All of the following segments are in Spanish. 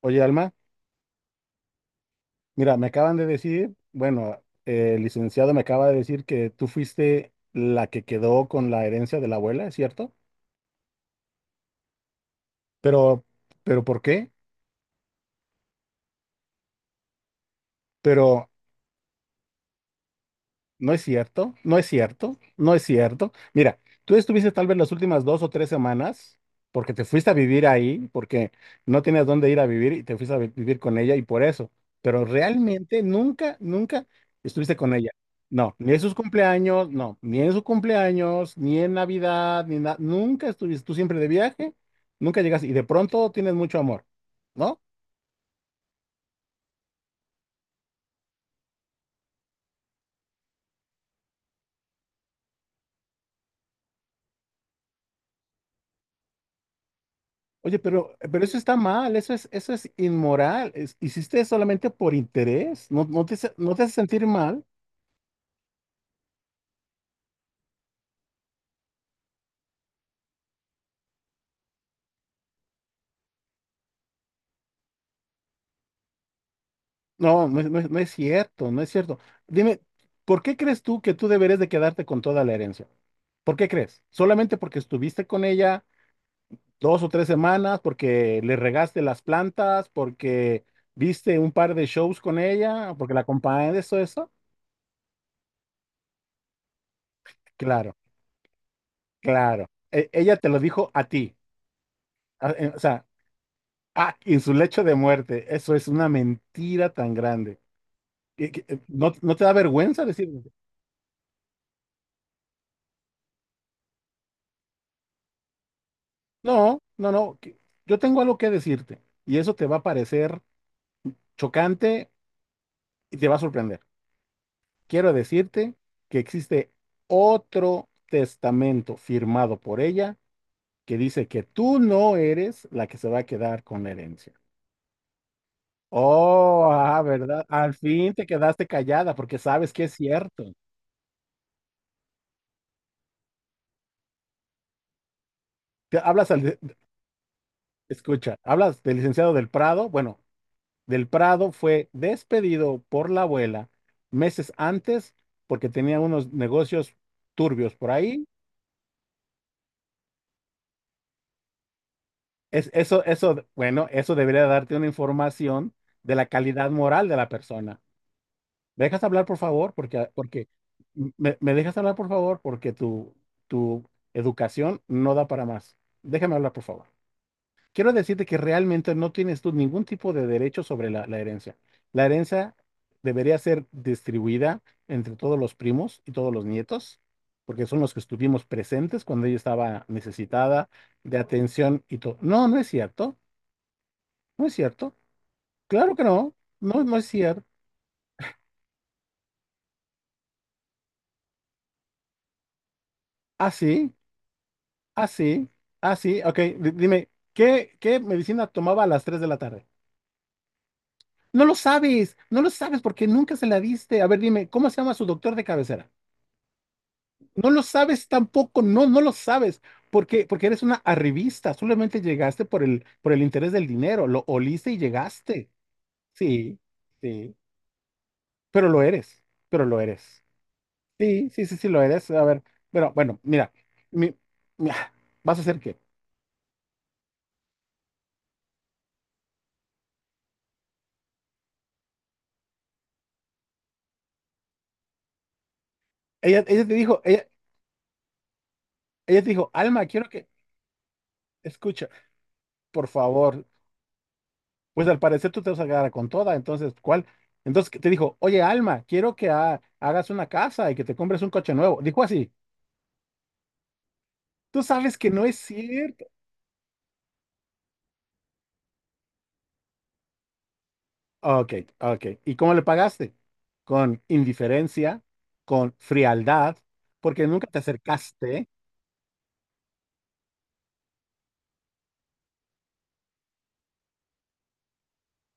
Oye, Alma, mira, me acaban de decir, bueno, el licenciado me acaba de decir que tú fuiste la que quedó con la herencia de la abuela, ¿es cierto? Pero, pero ¿por qué? Pero no es cierto, no es cierto, no es cierto. Mira, tú estuviste tal vez las últimas dos o tres semanas porque te fuiste a vivir ahí, porque no tenías dónde ir a vivir y te fuiste a vivir con ella y por eso. Pero realmente nunca, nunca estuviste con ella. No, ni en sus cumpleaños, no, ni en su cumpleaños, ni en Navidad, ni nada. Nunca estuviste, tú siempre de viaje, nunca llegas y de pronto tienes mucho amor, ¿no? Oye, pero eso está mal, eso es inmoral. Hiciste solamente por interés. No te hace sentir mal? No es cierto, no es cierto. Dime, ¿por qué crees tú que tú deberías de quedarte con toda la herencia? ¿Por qué crees? ¿Solamente porque estuviste con ella dos o tres semanas, porque le regaste las plantas, porque viste un par de shows con ella, porque la acompañaste, eso, eso? Claro, claro. Ella te lo dijo a ti. A- eh, O sea, en su lecho de muerte. Eso es una mentira tan grande. ¿No no te da vergüenza decirlo? No, no, no. Yo tengo algo que decirte y eso te va a parecer chocante y te va a sorprender. Quiero decirte que existe otro testamento firmado por ella que dice que tú no eres la que se va a quedar con la herencia. Oh, ¿Verdad? Al fin te quedaste callada porque sabes que es cierto. Te hablas al, Escucha, hablas del licenciado del Prado. Bueno, del Prado fue despedido por la abuela meses antes porque tenía unos negocios turbios por ahí. Bueno, eso debería darte una información de la calidad moral de la persona. ¿Me dejas hablar, por favor? Me dejas hablar, por favor, porque tu educación no da para más. Déjame hablar, por favor. Quiero decirte que realmente no tienes tú ningún tipo de derecho sobre la, la herencia. La herencia debería ser distribuida entre todos los primos y todos los nietos, porque son los que estuvimos presentes cuando ella estaba necesitada de atención y todo. No, no es cierto, no es cierto. Claro que no, no, no es cierto. Así, así, así. Ok, dime, ¿qué, ¿qué medicina tomaba a las 3 de la tarde? No lo sabes, no lo sabes porque nunca se la diste. A ver, dime, ¿cómo se llama su doctor de cabecera? No lo sabes tampoco, no, no lo sabes, porque eres una arribista, solamente llegaste por el interés del dinero, lo oliste y llegaste. Sí, sí, pero lo eres, pero lo eres. Sí, sí, sí, sí, lo eres. A ver, pero bueno, mira, mi, mi- vas a hacer qué. Ella, ella te dijo, ella, Ella te dijo, Alma, quiero que, escucha, por favor, pues al parecer tú te vas a quedar con toda, entonces, ¿cuál? Entonces te dijo, oye, Alma, quiero que hagas una casa y que te compres un coche nuevo. Dijo así. Tú sabes que no es cierto. Ok, ok. ¿Y cómo le pagaste? Con indiferencia, con frialdad, porque nunca te acercaste.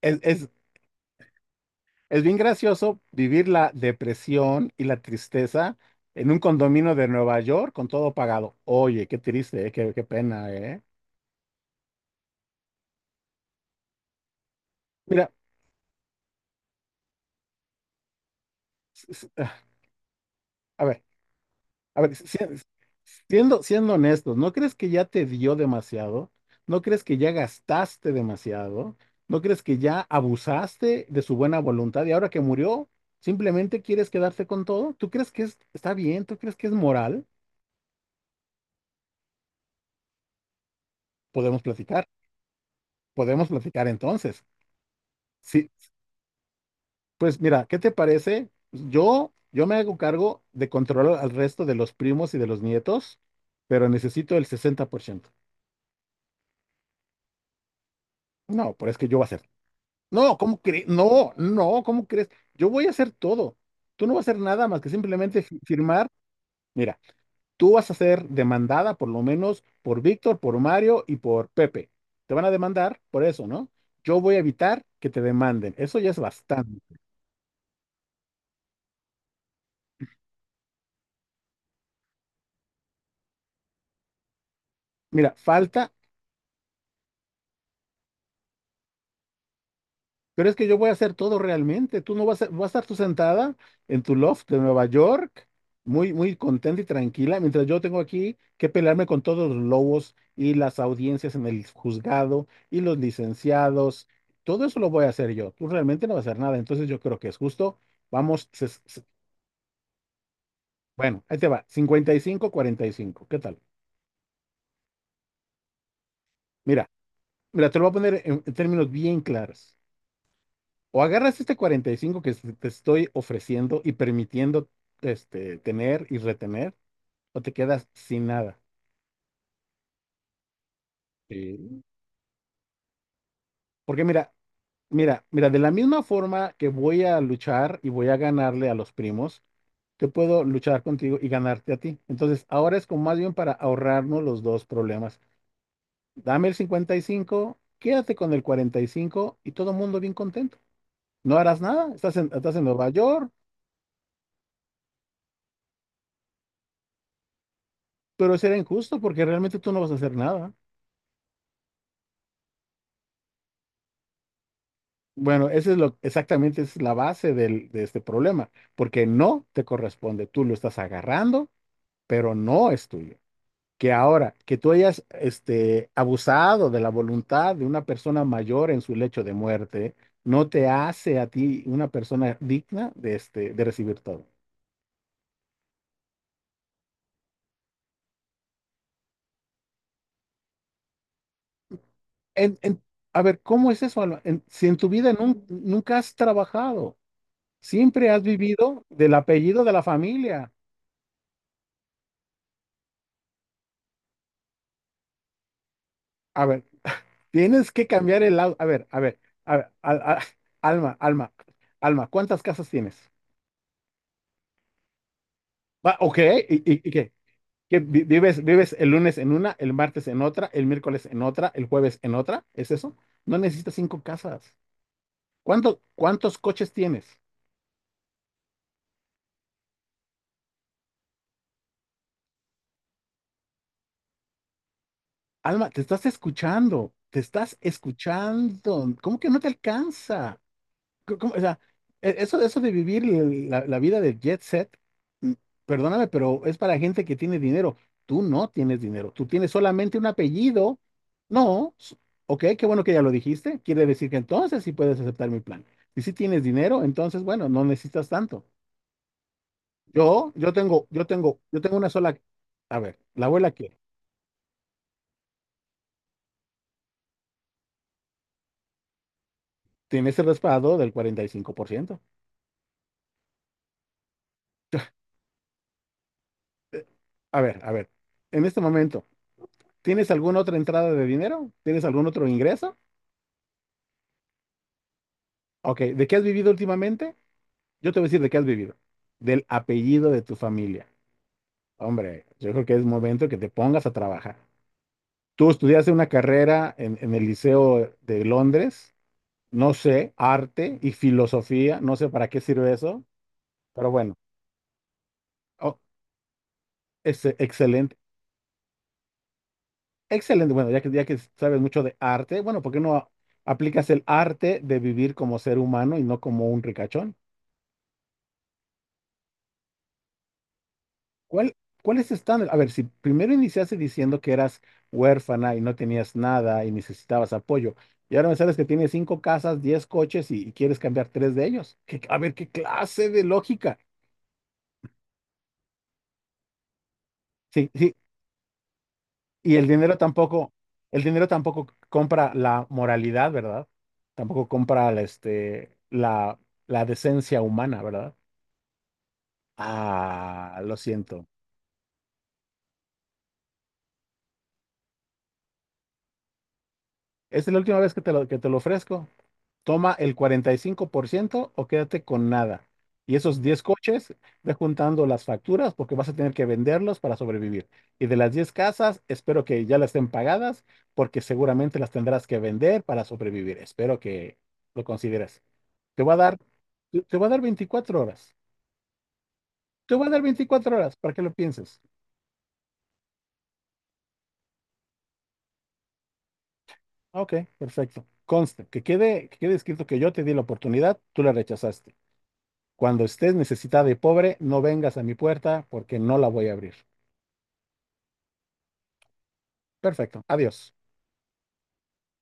Es, es, es bien gracioso vivir la depresión y la tristeza en un condominio de Nueva York con todo pagado. Oye, qué triste, qué, qué pena, ¿eh? Mira, s- s- ah, a ver. A ver, siendo, siendo honestos, ¿no crees que ya te dio demasiado? ¿No crees que ya gastaste demasiado? ¿No crees que ya abusaste de su buena voluntad y ahora que murió, simplemente quieres quedarte con todo? ¿Tú crees que está bien? ¿Tú crees que es moral? Podemos platicar, podemos platicar entonces. Sí, pues mira, ¿qué te parece? Yo me hago cargo de controlar al resto de los primos y de los nietos, pero necesito el 60%. No, pero es que yo voy a hacer. No, ¿cómo crees? No, no, ¿cómo crees? Yo voy a hacer todo. Tú no vas a hacer nada más que simplemente firmar. Mira, tú vas a ser demandada por lo menos por Víctor, por Mario y por Pepe. Te van a demandar por eso, ¿no? Yo voy a evitar que te demanden. Eso ya es bastante. Mira, falta. Pero es que yo voy a hacer todo realmente. Tú no vas a, vas a estar tú sentada en tu loft de Nueva York, muy, muy contenta y tranquila, mientras yo tengo aquí que pelearme con todos los lobos y las audiencias en el juzgado y los licenciados. Todo eso lo voy a hacer yo. Tú realmente no vas a hacer nada. Entonces yo creo que es justo. Vamos, bueno, ahí te va. 55, 45. ¿Qué tal? Mira, mira, te lo voy a poner en términos bien claros. O agarras este 45 que te estoy ofreciendo y permitiendo este, tener y retener, o te quedas sin nada. Sí. Porque mira, mira, mira, de la misma forma que voy a luchar y voy a ganarle a los primos, yo puedo luchar contigo y ganarte a ti. Entonces, ahora es como más bien para ahorrarnos los dos problemas. Dame el 55, quédate con el 45 y cinco y todo el mundo bien contento. No harás nada, estás en Nueva York, pero será injusto porque realmente tú no vas a hacer nada. Bueno, exactamente esa es la base de este problema, porque no te corresponde, tú lo estás agarrando, pero no es tuyo. Que ahora, que tú hayas este, abusado de la voluntad de una persona mayor en su lecho de muerte, no te hace a ti una persona digna de, este, de recibir todo. En- en- a ver, ¿cómo es eso, Alma? Si en tu vida nunca has trabajado, siempre has vivido del apellido de la familia. A ver. Tienes que cambiar el auto. A ver, a ver, a ver, alma, alma, alma, ¿cuántas casas tienes? Va, ok, ¿ y qué? ¿Qué vives, vives el lunes en una, el martes en otra, el miércoles en otra, el jueves en otra? ¿Es eso? No necesitas cinco casas. ¿Cuánto, cuántos coches tienes? Alma, te estás escuchando, te estás escuchando. ¿Cómo que no te alcanza? ¿Cómo? O sea, eso, eso de vivir la, la vida de jet set, mm, perdóname, pero es para gente que tiene dinero. Tú no tienes dinero, tú tienes solamente un apellido. No, s- Ok, qué bueno que ya lo dijiste. Quiere decir que entonces sí puedes aceptar mi plan. Y si tienes dinero, entonces, bueno, no necesitas tanto. Yo tengo una sola. A ver, la abuela quiere. Tiene ese respaldo del 45%. Eh, a ver, en este momento, ¿tienes alguna otra entrada de dinero? ¿Tienes algún otro ingreso? Ok, ¿de qué has vivido últimamente? Yo te voy a decir de qué has vivido. Del apellido de tu familia. Hombre, yo creo que es momento que te pongas a trabajar. Tú estudiaste una carrera en el Liceo de Londres, no sé, arte y filosofía, no sé para qué sirve eso, pero bueno, oh, es excelente, excelente. Bueno, ya que sabes mucho de arte, bueno, ¿por qué no aplicas el arte de vivir como ser humano y no como un ricachón? ¿Cuál, cuál es tu estándar? A ver, si primero iniciaste diciendo que eras huérfana y no tenías nada y necesitabas apoyo, y ahora me sabes que tienes cinco casas, diez coches y quieres cambiar tres de ellos. ¿Qué- a ver, ¿qué clase de lógica? Sí, sí, y el dinero tampoco compra la moralidad, ¿verdad? Tampoco compra la, este, la decencia humana, ¿verdad? Ah, lo siento. Esta es la última vez que te lo ofrezco. Toma el 45% o quédate con nada. Y esos 10 coches, ve juntando las facturas porque vas a tener que venderlos para sobrevivir. Y de las 10 casas, espero que ya las estén pagadas porque seguramente las tendrás que vender para sobrevivir. Espero que lo consideres. Te voy a dar, te voy a dar 24 horas. Te voy a dar 24 horas para que lo pienses. Ok, perfecto. Conste, que quede escrito que yo te di la oportunidad, tú la rechazaste. Cuando estés necesitada y pobre, no vengas a mi puerta porque no la voy a abrir. Perfecto. Adiós.